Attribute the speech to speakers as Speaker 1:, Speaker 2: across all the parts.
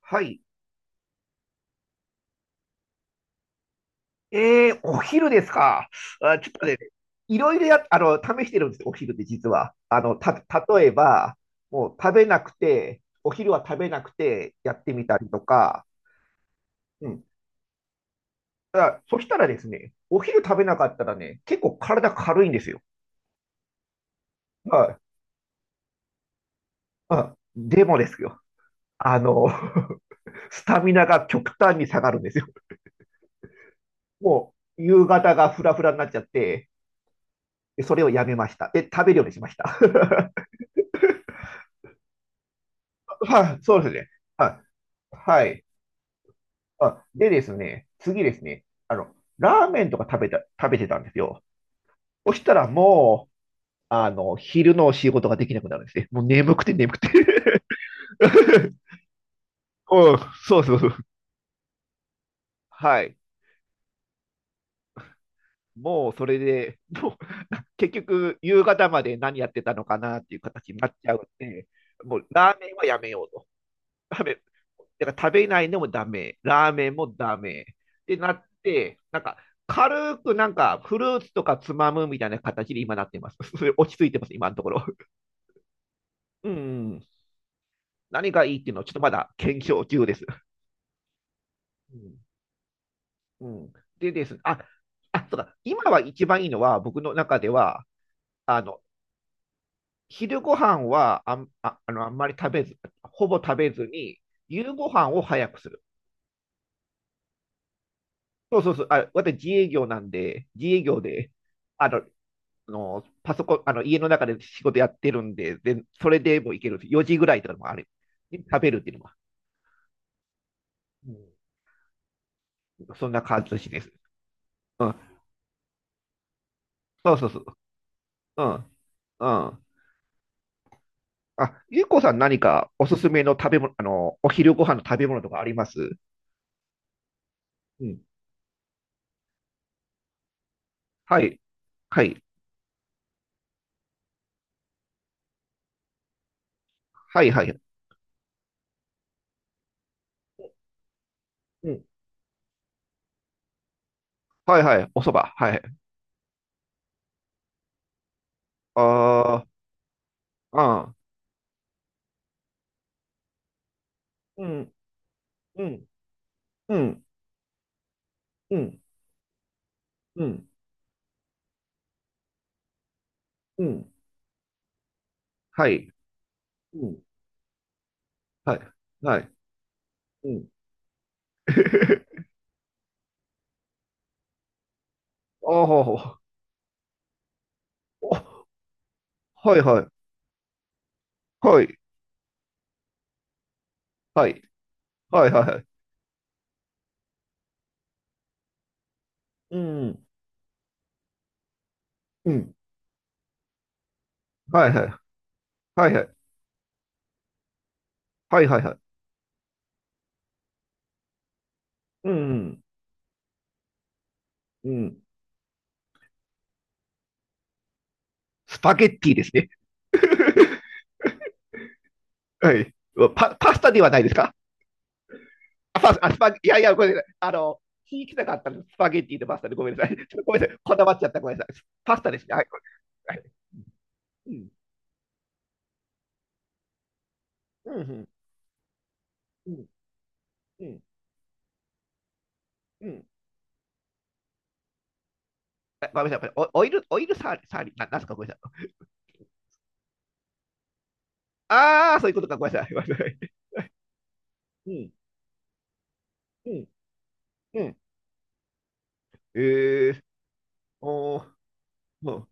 Speaker 1: はい。お昼ですか。あ、ちょっとね、いろいろや、あの、試してるんですよ、お昼って実は。例えば、もう食べなくて、お昼は食べなくてやってみたりとか、うん。ただ、そしたらですね、お昼食べなかったらね、結構体軽いんですよ。はい。あ、でもですよ。あの、スタミナが極端に下がるんですよ。もう、夕方がフラフラになっちゃって、でそれをやめました。で、食べるようにしました。はい、そうですね。はいはい。あ、でですね、次ですね、ラーメンとか食べてたんですよ。そしたらもう、昼の仕事ができなくなるんですね。もう眠くて眠くて うん、そうそうそう。はい。もうそれで、もう結局夕方まで何やってたのかなっていう形になっちゃうんで、もうラーメンはやめようと。だから食べないのもダメ、ラーメンもダメってなって、なんか軽くなんかフルーツとかつまむみたいな形で今なってます。それ落ち着いてます、今のところ。うん。何がいいっていうのはちょっとまだ検証中です。うん。うん、でですね、あ、そうだ、今は一番いいのは僕の中では、あの、昼ご飯はあんまり食べず、ほぼ食べずに、夕ご飯を早くする。そうそうそう。あ、私自営業なんで、自営業で、あの、のパソコン、あの家の中で仕事やってるんで、でそれでもいけるんです。4時ぐらいとかもある。食べるっていうのは。うん、そんな感じです。うん。そうそうそう。うん。うん。あ、ゆうこさん、何かおすすめの食べ物、お昼ご飯の食べ物とかあります？うん。はい。はい。はい、はい。うん。はい、はい。お蕎麦。はい。ああ、ああ。うん。うん。うん。うん。うん。うん。はい。うん。はい。はい。うん。おお。はいはい。はい。はい。はいはいはい。うん。うん。はいはい。はいはい。はいはいはい。うん。うん。スパゲッティですね。はい。パスタではないですか？あ、パス、あ、スパ、いやいや、ごめんなさい。聞きたかったの。スパゲッティとパスタでごめんなさい。ちょっとごめんなさい。こだわっちゃった。ごめんなさい。パスタですね。はい。はい、うん。うん。うん。うん。うん。あ、ごめんなさい。おオイル、オイルサーリ、サーリ、な、なんすか？ごめんなさい。ああ、そういうことか。ごめんなさい。ごめんなさい。うん。うん。うん。えー、おー、うん、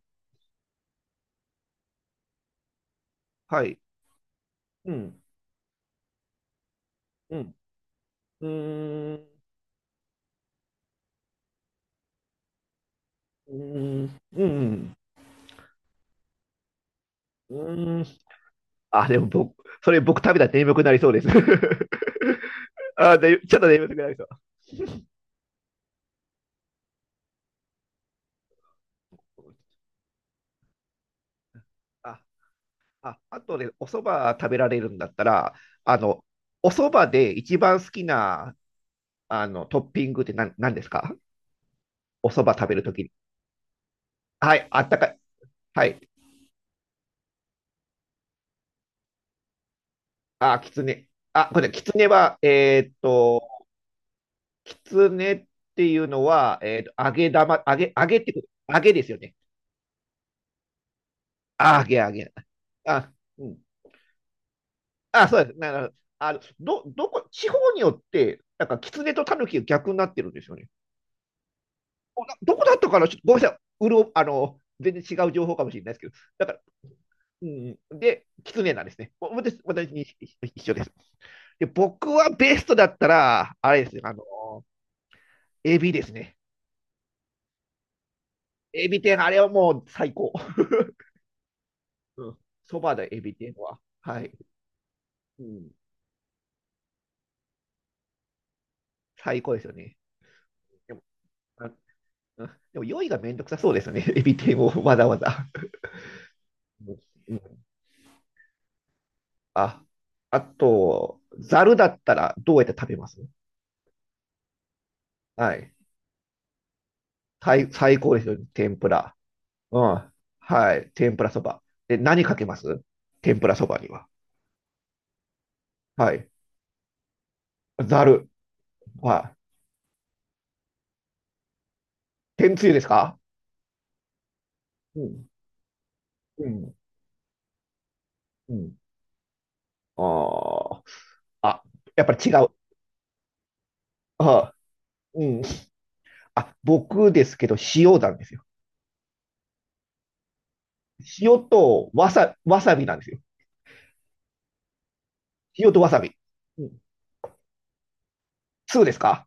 Speaker 1: はい。うん、うん、うーん、うーん、うん、うーん。あ、でも僕、それ僕食べたら眠くなりそうです。あ、で、ちょっと眠くなりそう。あ、あ、あとね、お蕎麦食べられるんだったら、あの、お蕎麦で一番好きな、トッピングって何ですか？お蕎麦食べるときに。はい、あったかい。はい。あ、きつね。あ、これ、きつねは、きつねっていうのは、揚げってこと、揚げですよね。あ、揚げ揚げ。あ、うん。あ、そうです。なるあの、ど、どこ、地方によって、なんか、きつねとタヌキが逆になってるんですよね。どこだったかな、ちょっとごめんなさい。うろ、あの、全然違う情報かもしれないですけど、だから、うん、で、きつねなんですね。私に一緒です。で、僕はベストだったら、あれですよ、エビですね。エビ天、あれはもう最高。うん、そばでエビ天は。はい。うん、最高ですよね。でも、あうんでも用意がめんどくさそうですよね。エビ天をわざわざ。うんうん。あ、あと、ざるだったらどうやって食べます？はい。最高ですよね。天ぷら。うん。はい。天ぷらそば。で、何かけます？天ぷらそばには。はい。ざる。はい。天つゆですか？うん。うん。うん。あーあ、やっぱり違う。あー、うん。あ、僕ですけど、塩なんですよ。塩とわさびなんですよ。塩とわさび。うん。通ですか？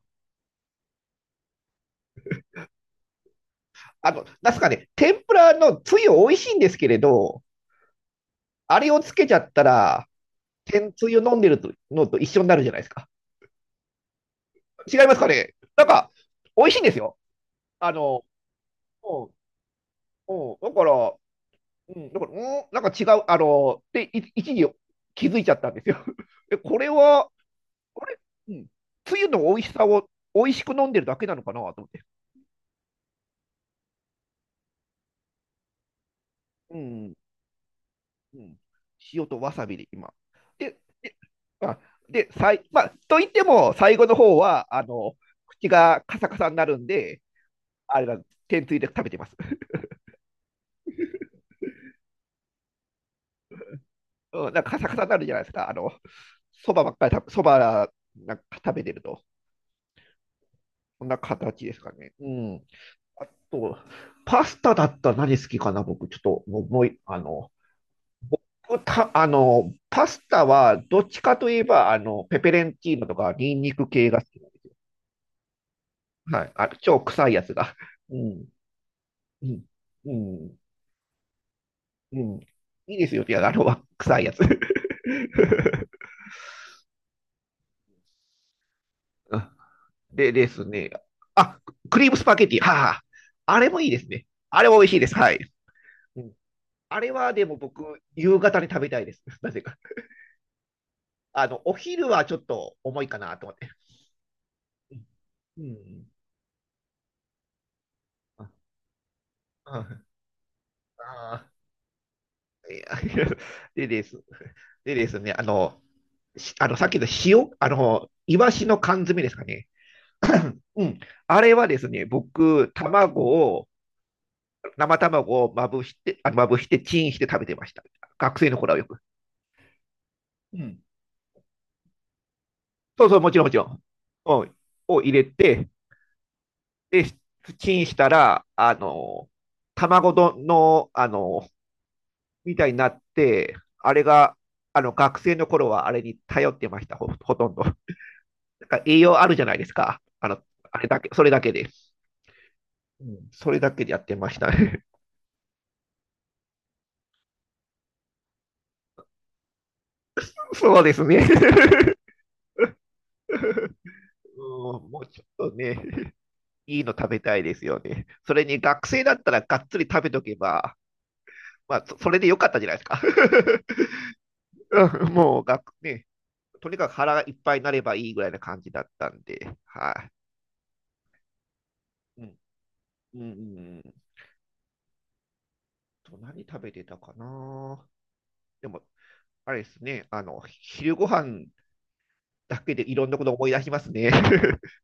Speaker 1: なんすかね、天ぷらのつゆ美味しいんですけれど、あれをつけちゃったら、天つゆ飲んでるとのと一緒になるじゃないですか。違いますかね、なんか、美味しいんですよ。あの、うん、うん、だから、うん、なんか違う、で、一時気づいちゃったんですよ。で、これ、うん、つゆの美味しさを美味しく飲んでるだけなのかなと思って。うん。うん、塩とわさびで今。で、まあ、で、さい、まあ、と言っても、最後の方は、口がカサカサになるんで、あれだ、天つゆで食べてます。うん、なんかカサカサになるじゃないですか。そばなんか食べてると。こんな形ですかね。うん。あと、パスタだったら何好きかな、僕。ちょっと、もう、もういあの、た、あの、パスタは、どっちかといえば、ペペレンチーノとか、ニンニク系が好き？はい。あ、超臭いやつが。うん。うん。うん。うん。いいですよ。じゃあ、臭いやつ。あ、でですね。あ、クリームスパゲティ。はあ。あれもいいですね。あれも美味しいです。はい。うん、あれはでも僕、夕方に食べたいです。なぜか。お昼はちょっと重いかなと思って。うん。うん、あ、ああ、いや、 でです。でですね、あの、しあの、さっきの塩、イワシの缶詰ですかね。うん。あれはですね、僕、を、生卵をまぶして、あ、まぶして、チンして食べてました。学生の頃はよく。うん。そうそう、もちろん、もちろん。うん。を入れて、で、チンしたら、卵丼の、みたいになって、あれが、学生の頃はあれに頼ってました、ほとんど。なんか栄養あるじゃないですか。あれだけ、それだけで。うん。それだけでやってましたね。そうですね。うん、もうちょっとね、いいの食べたいですよね。それに学生だったらがっつり食べとけば、まあ、それでよかったじゃないですか。うん、もうね、とにかく腹がいっぱいになればいいぐらいな感じだったんで、はい。うん、うん、うん。何食べてたかな。でも、あれですね、昼ご飯だけでいろんなこと思い出しますね。